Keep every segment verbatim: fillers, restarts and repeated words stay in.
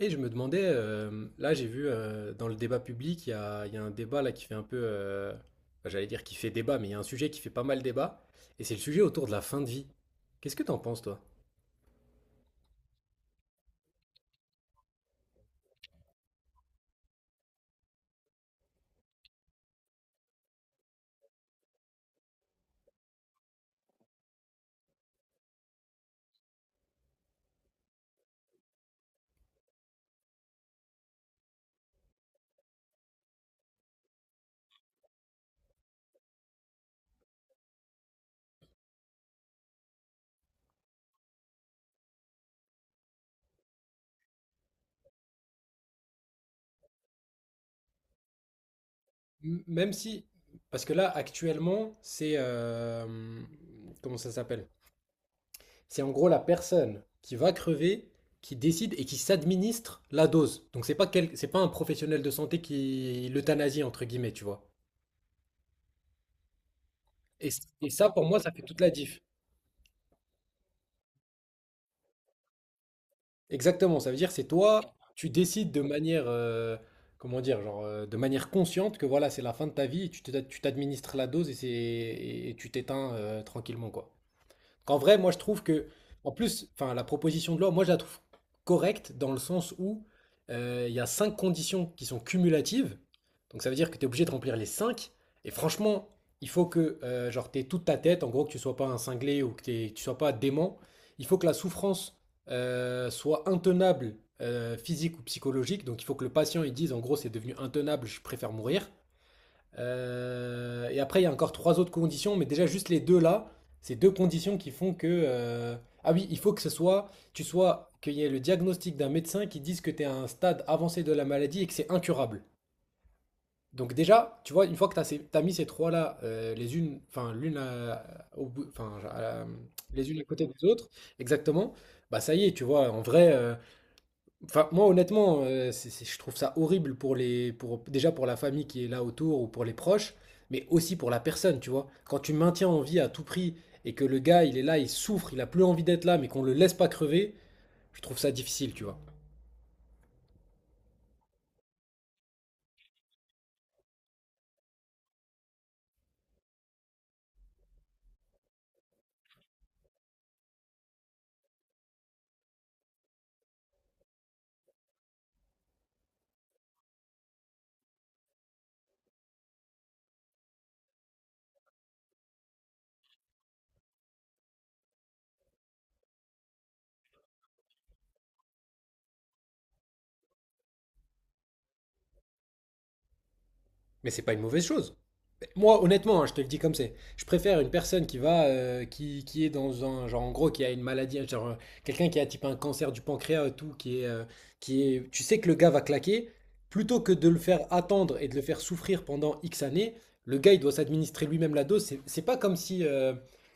Et je me demandais, euh, là j'ai vu euh, dans le débat public, il y a, il y a un débat là qui fait un peu, euh, bah, j'allais dire qui fait débat, mais il y a un sujet qui fait pas mal débat, et c'est le sujet autour de la fin de vie. Qu'est-ce que t'en penses, toi? M- Même si, parce que là actuellement, c'est, euh, comment ça s'appelle? C'est en gros la personne qui va crever, qui décide et qui s'administre la dose. Donc c'est pas quel- c'est pas un professionnel de santé qui l'euthanasie entre guillemets, tu vois. Et, et ça pour moi, ça fait toute la diff. Exactement, ça veut dire c'est toi, tu décides de manière, euh, comment dire, genre, euh, de manière consciente que voilà, c'est la fin de ta vie et tu te- tu t'administres la dose et, c'est, et tu t'éteins euh, tranquillement, quoi. Qu'en vrai, moi, je trouve que, en plus, enfin, la proposition de loi, moi, je la trouve correcte dans le sens où euh, il y a cinq conditions qui sont cumulatives. Donc, ça veut dire que tu es obligé de remplir les cinq. Et franchement, il faut que, euh, genre, t'aies toute ta tête, en gros, que tu sois pas un cinglé ou que, t'aies- tu sois pas dément. Il faut que la souffrance euh, soit intenable, euh, physique ou psychologique. Donc, il faut que le patient, il dise, en gros, c'est devenu intenable, je préfère mourir. Euh, et après, il y a encore trois autres conditions, mais déjà juste les deux là, ces deux conditions qui font que... euh, Ah oui, il faut que ce soit, tu sois, qu'il y ait le diagnostic d'un médecin qui dise que tu es à un stade avancé de la maladie et que c'est incurable. Donc déjà, tu vois, une fois que tu as mis ces trois-là, euh, les unes, enfin l'une à- au bout- enfin à la- les unes à côté des autres, exactement, bah ça y est, tu vois, en vrai, euh, enfin, moi, honnêtement, euh, c'est- c'est- je trouve ça horrible pour les, pour, déjà pour la famille qui est là autour ou pour les proches, mais aussi pour la personne, tu vois. Quand tu maintiens en vie à tout prix et que le gars, il est là, il souffre, il a plus envie d'être là, mais qu'on le laisse pas crever, je trouve ça difficile, tu vois. Mais c'est pas une mauvaise chose. Moi, honnêtement, hein, je te le dis comme c'est. Je préfère une personne qui va, euh, qui, qui est dans un genre, en gros, qui a une maladie, genre euh, quelqu'un qui a type un cancer du pancréas et tout, qui est, euh, qui est, tu sais que le gars va claquer, plutôt que de le faire attendre et de le faire souffrir pendant X années. Le gars, il doit s'administrer lui-même la dose. C'est c'est pas comme si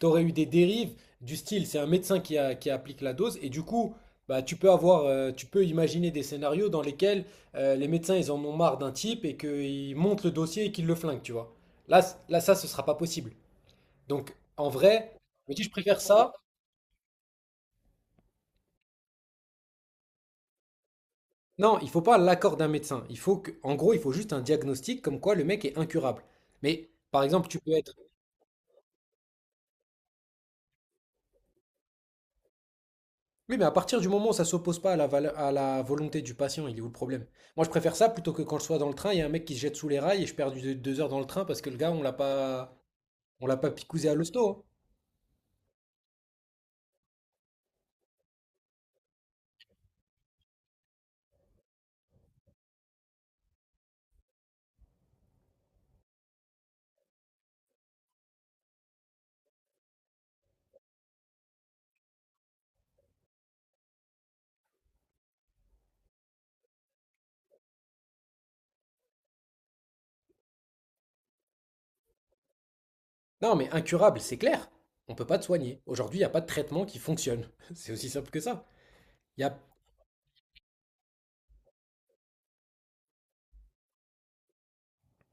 tu aurais eu des dérives du style, c'est un médecin qui, a- qui applique la dose et du coup. Bah, tu peux avoir, euh, tu peux imaginer des scénarios dans lesquels euh, les médecins ils en ont marre d'un type et qu'ils montent le dossier et qu'ils le flinguent, tu vois. Là, c- là, ça, ce sera pas possible. Donc, en vrai, je me dis, je préfère ça. Non, il faut pas l'accord d'un médecin. Il faut que, en gros, il faut juste un diagnostic comme quoi le mec est incurable. Mais, par exemple, tu peux être. Oui, mais à partir du moment où ça s'oppose pas à la, vale- à la volonté du patient, il est où le problème? Moi, je préfère ça plutôt que quand je sois dans le train, il y a un mec qui se jette sous les rails et je perds du- deux heures dans le train parce que le gars, on l'a pas, on l'a pas picousé à l'hosto, hein. Non, mais incurable, c'est clair. On peut pas te soigner. Aujourd'hui, il n'y a pas de traitement qui fonctionne. C'est aussi simple que ça. Il y a...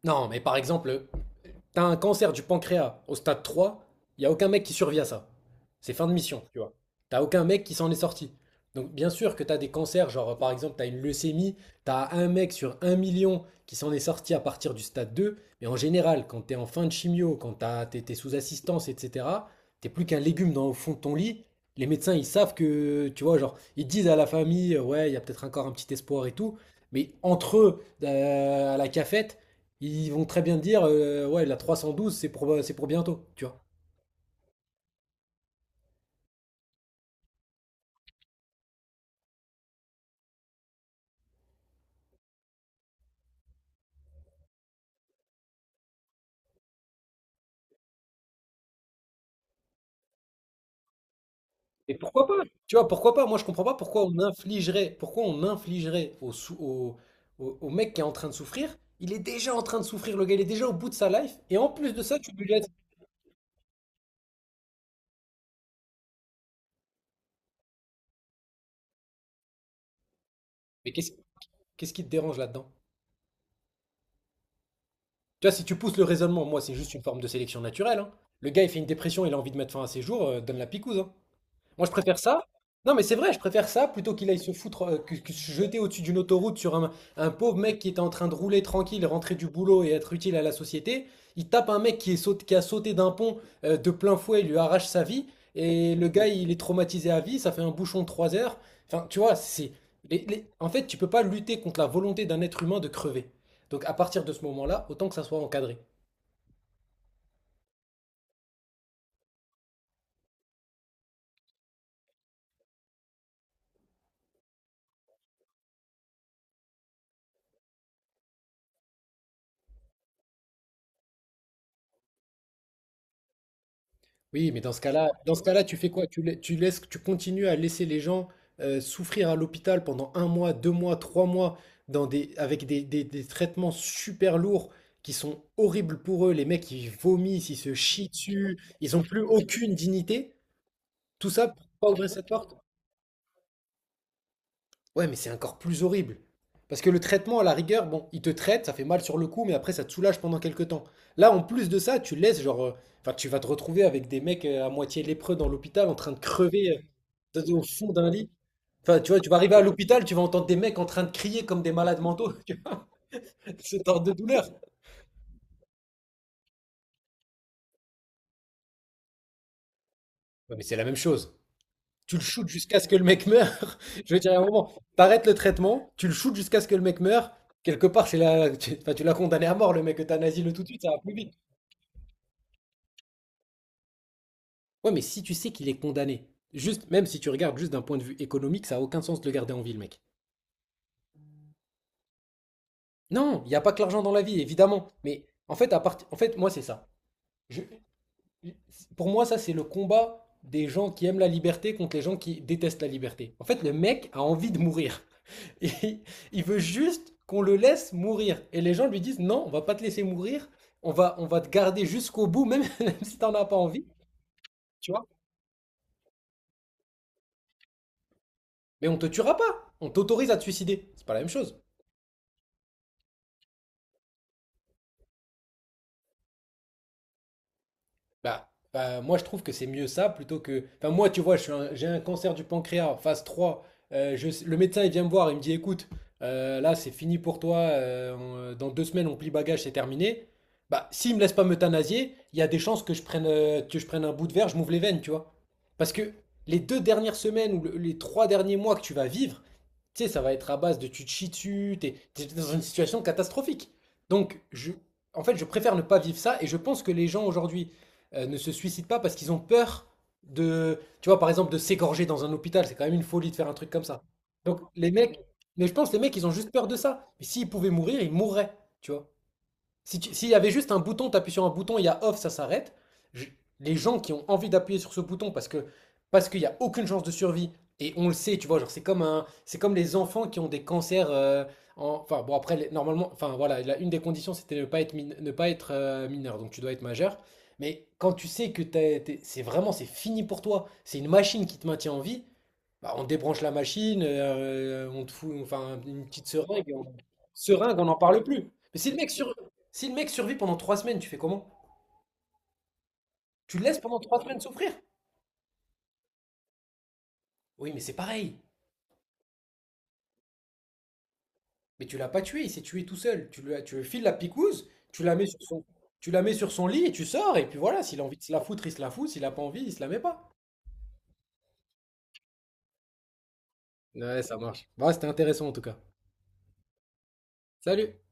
Non, mais par exemple, t'as un cancer du pancréas au stade trois, il y a aucun mec qui survit à ça. C'est fin de mission, tu vois. T'as aucun mec qui s'en est sorti. Donc bien sûr que t'as des cancers, genre par exemple t'as une leucémie, t'as un mec sur un million qui s'en est sorti à partir du stade deux, mais en général, quand t'es en fin de chimio, quand t'as- t'es t'es sous assistance, et cetera, t'es plus qu'un légume dans, au fond de ton lit, les médecins ils savent que, tu vois, genre, ils disent à la famille, euh, ouais, il y a peut-être encore un petit espoir et tout, mais entre eux, euh, à la cafette, ils vont très bien te dire, euh, ouais, la trois cent douze, c'est pour, euh, c'est pour bientôt, tu vois. Et pourquoi pas? Tu vois, pourquoi pas? Moi, je comprends pas pourquoi on infligerait, pourquoi on infligerait au, sou- au, au- au mec qui est en train de souffrir. Il est déjà en train de souffrir, le gars, il est déjà au bout de sa life. Et en plus de ça, tu lui laisses. Mais qu'est-ce qu'est-ce qui te dérange là-dedans? Tu vois, si tu pousses le raisonnement, moi, c'est juste une forme de sélection naturelle, hein. Le gars, il fait une dépression, il a envie de mettre fin à ses jours, euh, donne la picouse, hein. Moi, je préfère ça. Non, mais c'est vrai, je préfère ça plutôt qu'il aille se foutre, euh, que, que se jeter au-dessus d'une autoroute sur un, un pauvre mec qui était en train de rouler tranquille, rentrer du boulot et être utile à la société. Il tape un mec qui, est saut- qui a sauté d'un pont euh, de plein fouet, il lui arrache sa vie. Et le gars, il est traumatisé à vie, ça fait un bouchon de 3 heures. Enfin, tu vois, c'est. les- les- En fait, tu peux pas lutter contre la volonté d'un être humain de crever. Donc, à partir de ce moment-là, autant que ça soit encadré. Oui, mais dans ce cas-là, dans ce cas-là, tu fais quoi? Tu, la- tu laisses, tu continues à laisser les gens euh, souffrir à l'hôpital pendant un mois, deux mois, trois mois, dans des, avec des, des- des traitements super lourds qui sont horribles pour eux. Les mecs, ils vomissent, ils se chient dessus, ils n'ont plus aucune dignité. Tout ça pour pas ouvrir cette porte? Ouais, mais c'est encore plus horrible. Parce que le traitement, à la rigueur, bon, il te traite, ça fait mal sur le coup, mais après, ça te soulage pendant quelques temps. Là, en plus de ça, tu laisses, genre, euh, enfin, tu vas te retrouver avec des mecs euh, à moitié lépreux dans l'hôpital, en train de crever euh, dans- au fond d'un lit. Enfin, tu vois, tu vas arriver à l'hôpital, tu vas entendre des mecs en train de crier comme des malades mentaux, tu vois, cet ordre de douleur. Ouais, mais c'est la même chose. Tu le shootes jusqu'à ce que le mec meure. Je veux dire, à un moment, t'arrêtes le traitement, tu le shootes jusqu'à ce que le mec meure. Quelque part, c'est la... tu enfin, tu l'as condamné à mort, le mec, euthanasie-le tout de suite, ça va plus vite. Ouais, mais si tu sais qu'il est condamné, juste, même si tu regardes juste d'un point de vue économique, ça a aucun sens de le garder en ville, mec. Non, il n'y a pas que l'argent dans la vie, évidemment. Mais en fait, à partir, en fait, moi, c'est ça. Je- Pour moi, ça, c'est le combat des gens qui aiment la liberté contre les gens qui détestent la liberté. En fait, le mec a envie de mourir. Et il veut juste qu'on le laisse mourir. Et les gens lui disent, non, on va pas te laisser mourir. On va, on va te garder jusqu'au bout, même, même si t'en as pas envie, tu vois. Mais on te tuera pas. On t'autorise à te suicider. C'est pas la même chose. Bah, bah, moi, je trouve que c'est mieux ça plutôt que. Enfin, moi, tu vois, je suis un- j'ai un cancer du pancréas, phase trois. Euh, je- Le médecin, il vient me voir, il me dit, écoute, euh, là, c'est fini pour toi. Euh, on- euh, dans deux semaines, on plie bagage, c'est terminé. Bah, s'il me laisse pas m'euthanasier, il y a des chances que je prenne, euh, que je prenne un bout de verre, je m'ouvre les veines, tu vois. Parce que les deux dernières semaines ou le- les trois derniers mois que tu vas vivre, tu sais, ça va être à base de tu te chies dessus, t'es, t'es dans une situation catastrophique. Donc, je, en fait, je préfère ne pas vivre ça et je pense que les gens aujourd'hui euh, ne se suicident pas parce qu'ils ont peur de, tu vois, par exemple, de s'égorger dans un hôpital. C'est quand même une folie de faire un truc comme ça. Donc les mecs, mais je pense que les mecs, ils ont juste peur de ça. Mais s'ils pouvaient mourir, ils mourraient, tu vois. Si tu- S'il y avait juste un bouton, tu appuies sur un bouton, il y a off, ça s'arrête. Je- les gens qui ont envie d'appuyer sur ce bouton parce que parce qu'il n'y a aucune chance de survie, et on le sait, tu vois, genre c'est comme un, c'est comme les enfants qui ont des cancers. Euh, en- enfin bon après les- normalement, enfin voilà, la- une des conditions c'était ne pas être min- ne pas être euh, mineur, donc tu dois être majeur. Mais quand tu sais que t'es- t'es- c'est vraiment c'est fini pour toi, c'est une machine qui te maintient en vie, bah, on débranche la machine, euh, on te fout enfin une petite seringue, et on- seringue, on n'en parle plus. Mais si le mec sur- si le mec survit pendant trois semaines, tu fais comment? Tu le laisses pendant trois semaines souffrir? Oui, mais c'est pareil. Mais tu l'as pas tué, il s'est tué tout seul. Tu lui, as- tu lui files la picouse, tu la mets sur son, tu la mets sur son lit et tu sors. Et puis voilà, s'il a envie de se la foutre, il se la fout. S'il a pas envie, il se la met pas. Ouais, ça marche. Bah, c'était intéressant en tout cas. Salut!